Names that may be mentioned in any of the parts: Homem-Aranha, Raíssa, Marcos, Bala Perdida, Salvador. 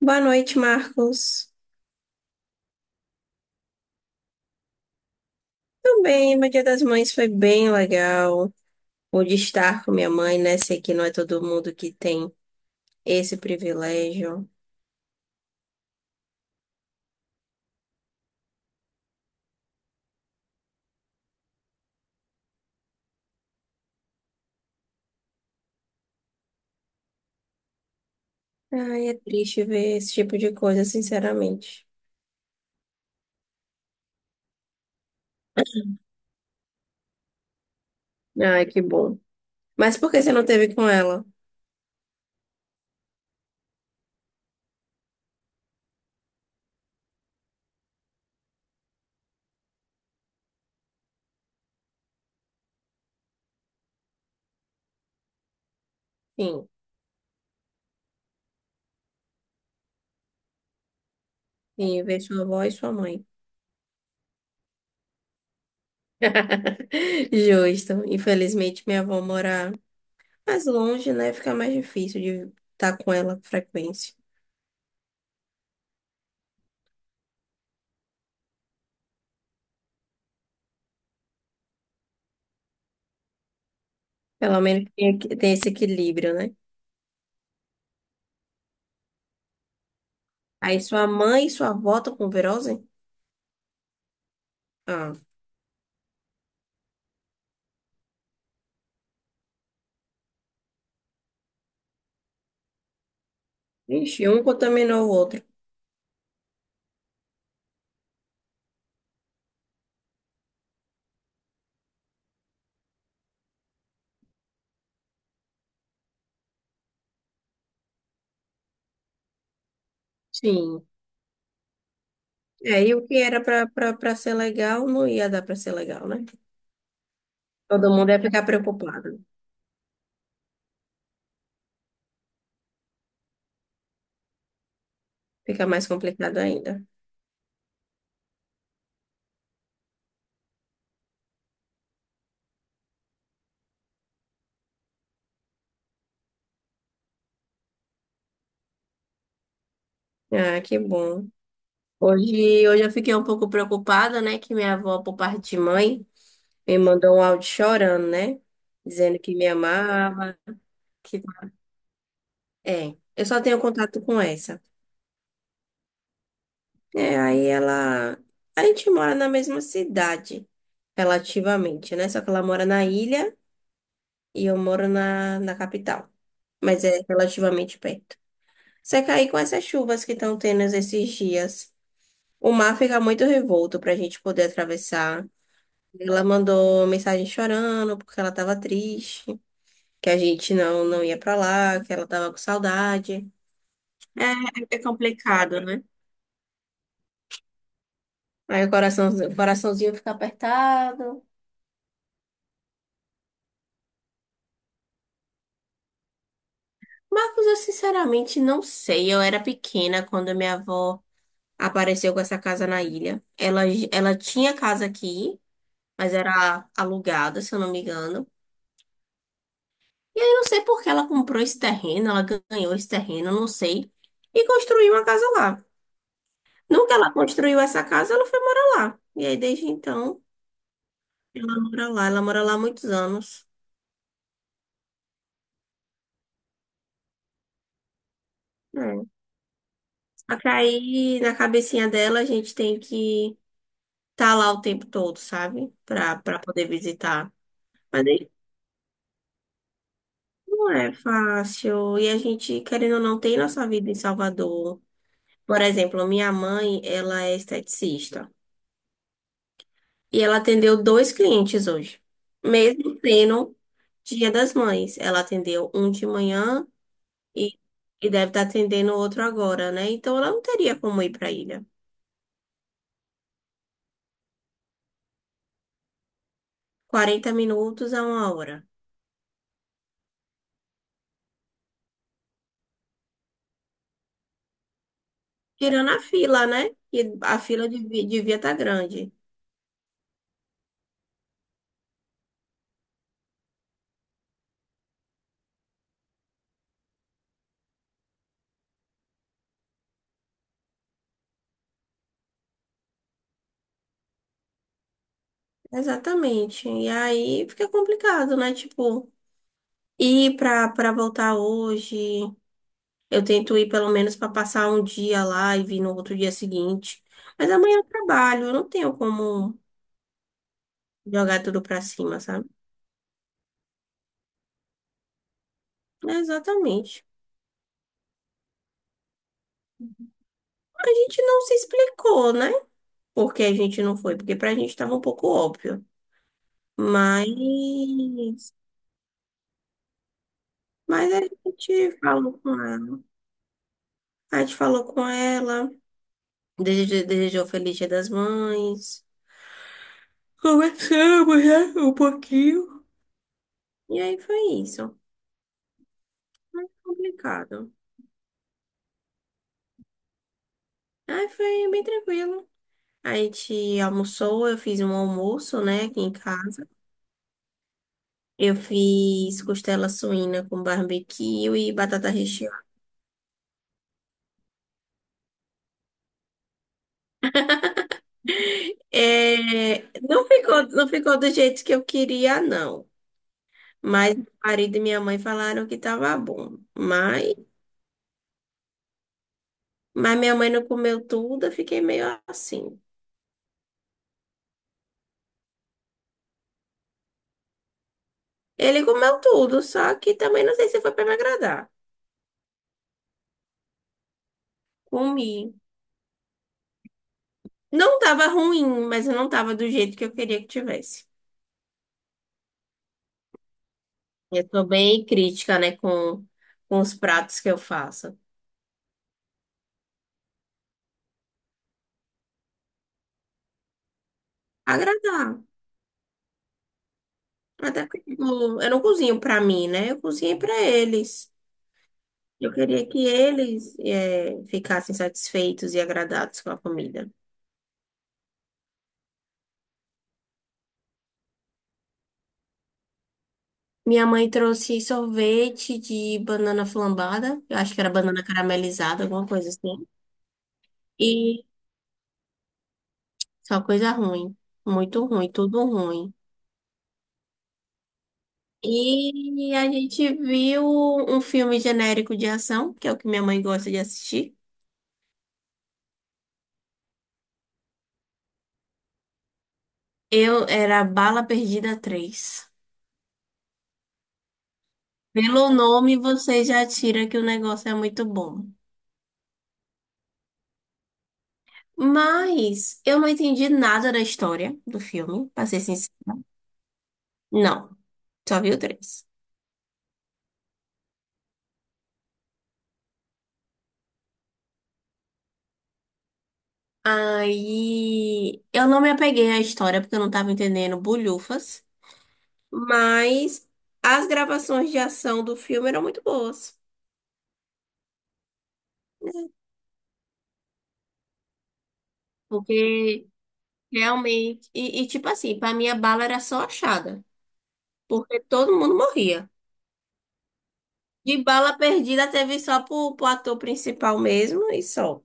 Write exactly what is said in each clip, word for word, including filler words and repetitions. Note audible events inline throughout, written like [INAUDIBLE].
Boa noite, Marcos. Também, meu Dia das Mães foi bem legal. Pude estar com minha mãe, né? Sei que não é todo mundo que tem esse privilégio. Ai, é triste ver esse tipo de coisa, sinceramente. Ai, que bom. Mas por que você não teve com ela? Sim, sim, ver sua avó e sua mãe. [LAUGHS] Justo. Infelizmente, minha avó mora mais longe, né? Fica mais difícil de estar com ela com frequência. Pelo menos tem, tem esse equilíbrio, né? Aí sua mãe e sua avó estão com virose? Ah, ixi, um contaminou o outro. Sim. É, e o que era pra pra- pra ser legal não ia dar pra ser legal, né? Todo mundo ia ficar preocupado. Fica mais complicado ainda. Ah, que bom. Hoje, hoje eu fiquei um pouco preocupada, né? Que minha avó, por parte de mãe, me mandou um áudio chorando, né? Dizendo que me amava. Que... É, eu só tenho contato com essa. É, aí ela. A gente mora na mesma cidade, relativamente, né? Só que ela mora na ilha e eu moro na, na capital. Mas é relativamente perto. Só que aí com essas chuvas que estão tendo esses dias, o mar fica muito revolto pra gente poder atravessar. Ela mandou mensagem chorando porque ela tava triste, que a gente não, não ia pra lá, que ela tava com saudade. É, é complicado, né? Aí o coração, o coraçãozinho fica apertado. Marcos, eu sinceramente não sei. Eu era pequena quando minha avó apareceu com essa casa na ilha. Ela, ela tinha casa aqui, mas era alugada, se eu não me engano. E aí eu não sei por que ela comprou esse terreno, ela ganhou esse terreno, eu não sei, e construiu uma casa lá. No que ela construiu essa casa, ela foi morar lá. E aí desde então, ela mora lá, ela mora lá há muitos anos. É. Só que aí na cabecinha dela a gente tem que estar lá o tempo todo, sabe? Pra, pra poder visitar. Mas aí não é fácil. E a gente, querendo ou não, tem nossa vida em Salvador. Por exemplo, minha mãe, ela é esteticista. E ela atendeu dois clientes hoje. Mesmo sendo Dia das Mães. Ela atendeu um de manhã e, e deve estar atendendo outro agora, né? Então ela não teria como ir para a ilha. Quarenta minutos a uma hora. Tirando a fila, né? E a fila devi- devia estar grande. Exatamente. E aí fica complicado, né? Tipo. E para para voltar hoje, eu tento ir pelo menos para passar um dia lá e vir no outro dia seguinte. Mas amanhã eu trabalho, eu não tenho como jogar tudo para cima, sabe? É, exatamente. A gente não se explicou, né? Porque a gente não foi, porque pra gente tava um pouco óbvio. Mas, mas a gente falou com ela. A gente falou com ela, desejou, desejou Feliz Dia das Mães. Conversamos, né? Um pouquinho. E aí foi isso. Complicado. Aí foi bem tranquilo. A gente almoçou, eu fiz um almoço, né, aqui em casa. Eu fiz costela suína com barbecue e batata recheada. É, não ficou, não ficou do jeito que eu queria, não. Mas meu marido e minha mãe falaram que tava bom. Mas, mas minha mãe não comeu tudo, eu fiquei meio assim. Ele comeu tudo, só que também não sei se foi para me agradar. Comi. Não tava ruim, mas eu não tava do jeito que eu queria que tivesse. Eu sou bem crítica, né, com, com, os pratos que eu faço. Agradar. Até porque, tipo, eu não cozinho pra mim, né? Eu cozinho pra eles. Eu queria que eles eh, ficassem satisfeitos e agradados com a comida. Minha mãe trouxe sorvete de banana flambada. Eu acho que era banana caramelizada, alguma coisa assim. E só coisa ruim. Muito ruim, tudo ruim. E a gente viu um filme genérico de ação, que é o que minha mãe gosta de assistir. Eu era Bala Perdida três. Pelo nome, você já tira que o negócio é muito bom. Mas eu não entendi nada da história do filme, pra ser sincero. Não, só vi o três. Aí eu não me apeguei à história porque eu não tava entendendo bulhufas. Mas as gravações de ação do filme eram muito boas. Né? Porque realmente. E, e, tipo assim, pra mim a bala era só achada. Porque todo mundo morria. De bala perdida teve só pro, pro ator principal mesmo e só.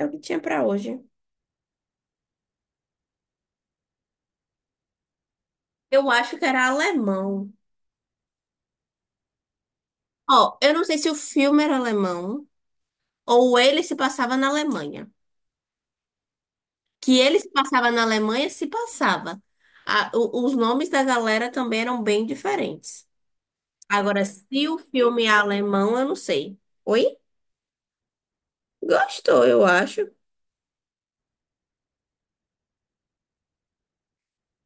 É o que tinha pra hoje. Eu acho que era alemão. Ó, eu não sei se o filme era alemão ou ele se passava na Alemanha. Que ele se passava na Alemanha, se passava. A- o- os nomes da galera também eram bem diferentes. Agora, se o filme é alemão, eu não sei. Oi? Gostou, eu acho.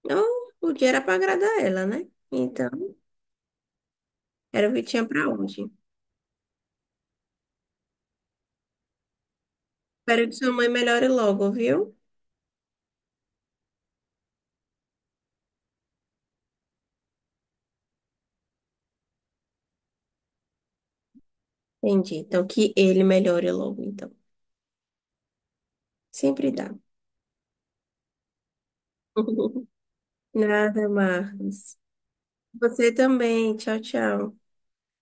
Não, o dia era pra agradar ela, né? Então, era o que tinha pra hoje. Espero que sua mãe melhore logo, viu? Entendi. Então, que ele melhore logo, então. Sempre dá. [LAUGHS] Nada, Marcos. Você também. Tchau, tchau.